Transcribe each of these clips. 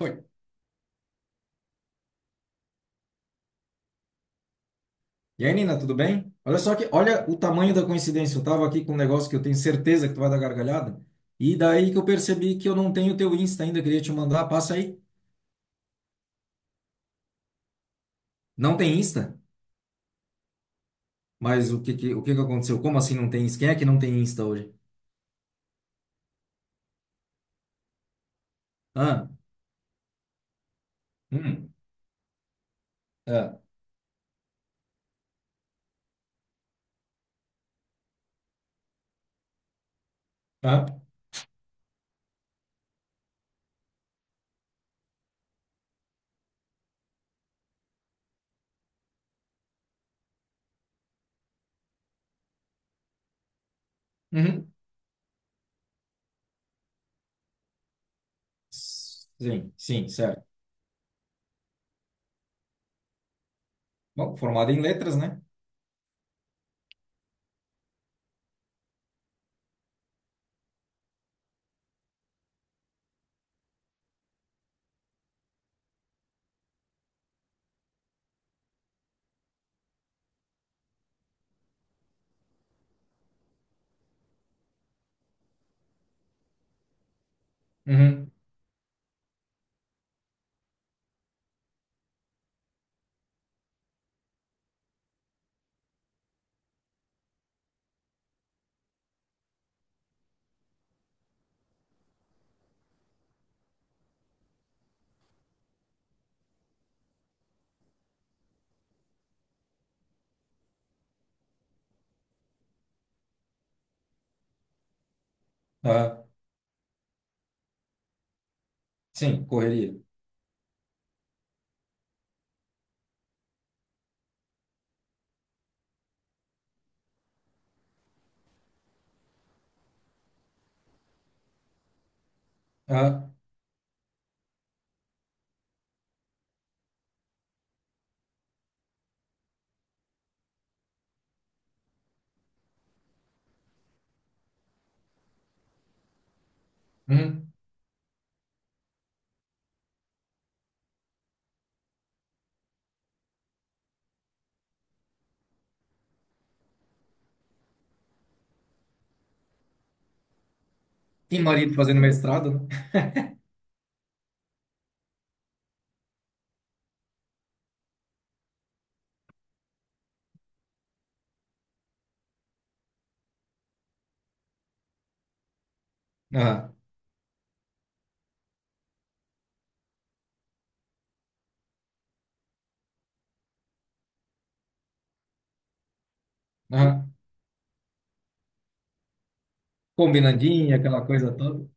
Oi. E aí, Nina, tudo bem? Olha o tamanho da coincidência. Eu tava aqui com um negócio que eu tenho certeza que tu vai dar gargalhada. E daí que eu percebi que eu não tenho teu Insta ainda, queria te mandar, passa aí. Não tem Insta? Mas o que que aconteceu? Como assim não tem Insta? Quem é que não tem Insta hoje? Ah, hum, ah, ah, uhum. Sim, sim, certo. Bom, formado em letras, né? Uhum. Ah, sim, correria. Ah, uhum. E marido fazendo mestrado, né? Ah, ah, combinandinha, aquela coisa toda.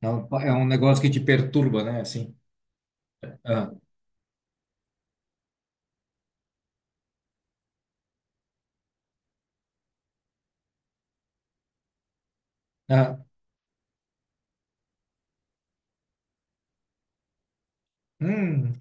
Não, é um negócio que te perturba, né? Assim. Ah, ah. Hum,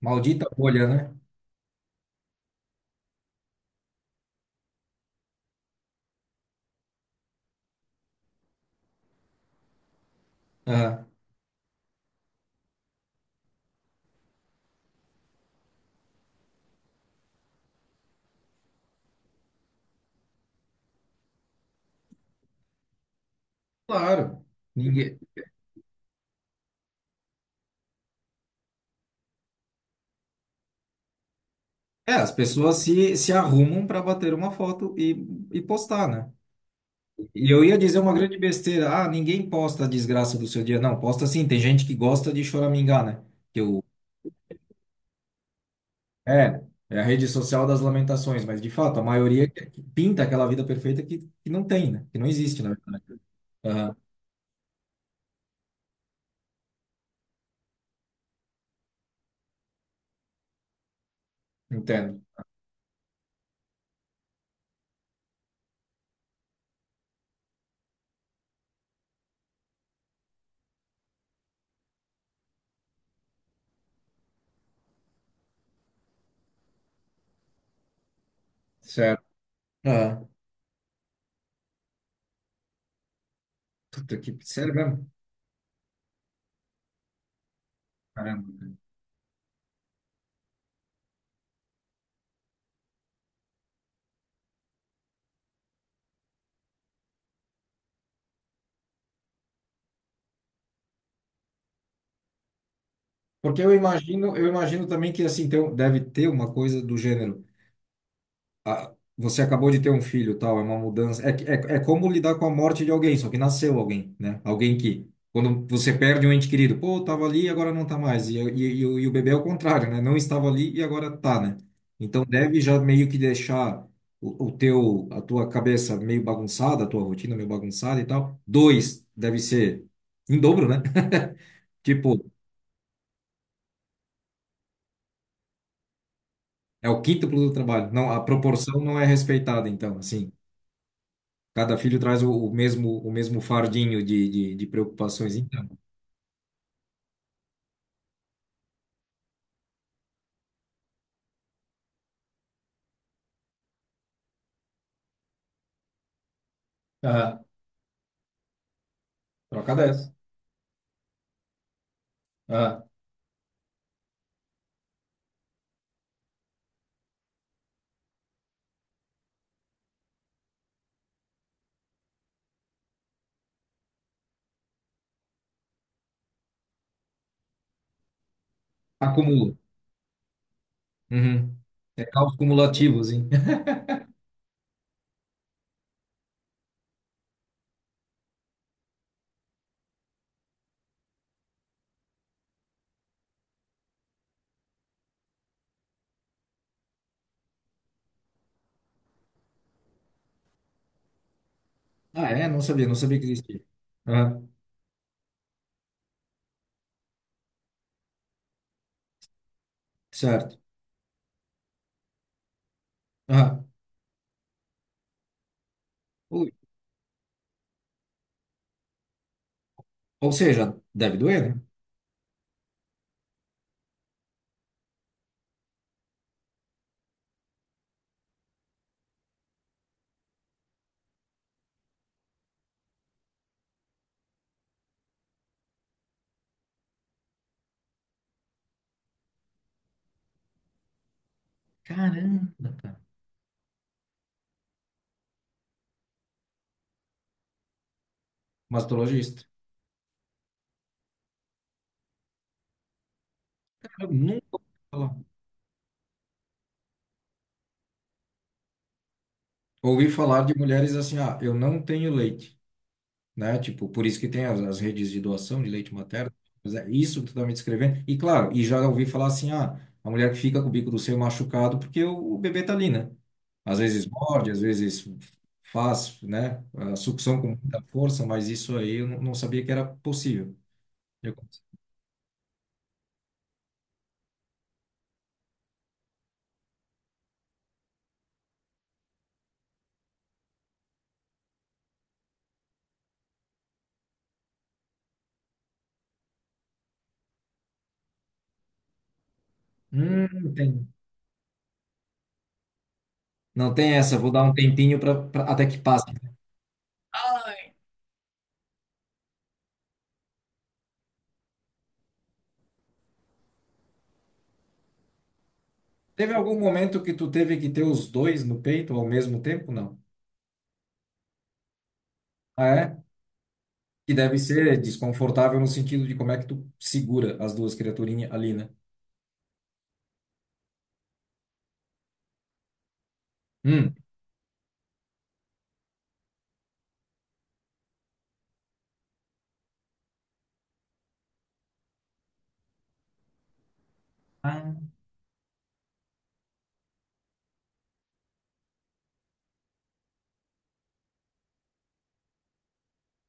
maldita bolha, né? Ah, claro. Ninguém... É, as pessoas se arrumam para bater uma foto e postar, né? E eu ia dizer uma grande besteira. Ah, ninguém posta a desgraça do seu dia. Não, posta sim. Tem gente que gosta de choramingar, né? Que o é, é a rede social das lamentações. Mas, de fato, a maioria que pinta aquela vida perfeita que não tem, né? Que não existe, na verdade. Aham, entendo. Certo. Aham. Puta que... Sério mesmo? Caramba. Porque eu imagino também que assim tem, um, deve ter uma coisa do gênero. Ah, você acabou de ter um filho, tal, é uma mudança. É, é, é como lidar com a morte de alguém, só que nasceu alguém, né? Alguém que, quando você perde um ente querido, pô, tava ali e agora não tá mais. E o bebê é o contrário, né? Não estava ali e agora tá, né? Então deve já meio que deixar o teu, a tua cabeça meio bagunçada, a tua rotina meio bagunçada e tal. Dois, deve ser em dobro, né? Tipo, é o quíntuplo do trabalho. Não, a proporção não é respeitada, então, assim. Cada filho traz o mesmo o mesmo fardinho de preocupações, então. Aham, troca dessa. Aham. Acumula. Uhum. É caos cumulativos, hein? Ah, é? Não sabia que existia. Aham. Certo. Aham. Ui. Ou seja, deve doer, né? Caramba, cara. Mastologista. Eu nunca ouvi falar. Ouvi falar de mulheres assim, ah, eu não tenho leite. Né? Tipo, por isso que tem as redes de doação de leite materno. Mas é isso que tu tá me descrevendo. E claro, e já ouvi falar assim, ah, a mulher que fica com o bico do seio machucado porque o bebê tá ali, né? Às vezes morde, às vezes faz, né? A sucção com muita força, mas isso aí eu não sabia que era possível. Eu- hum, tem. Não tem essa, vou dar um tempinho até que passe. Teve algum momento que tu teve que ter os dois no peito ao mesmo tempo? Não. Ah, é? Que deve ser desconfortável no sentido de como é que tu segura as duas criaturinhas ali, né? Hum. Ah,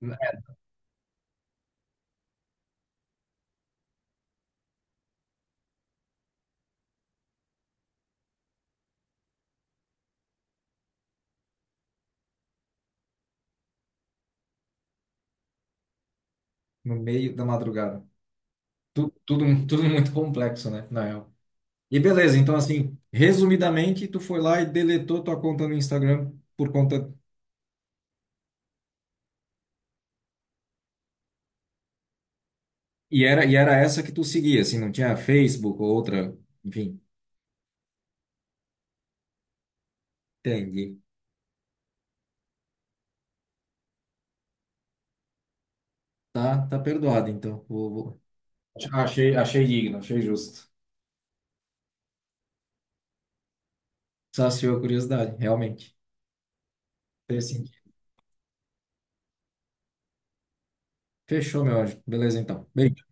é, no meio da madrugada. Tudo, tudo muito complexo, né? Na real. E beleza, então assim, resumidamente, tu foi lá e deletou tua conta no Instagram por conta. E era essa que tu seguia, assim, não tinha Facebook ou outra. Enfim, entendi. Tá, tá perdoado, então. Achei, achei digno, achei justo. Saciou a curiosidade, realmente. Fez sentido. Fechou, meu anjo. Beleza, então. Beijo.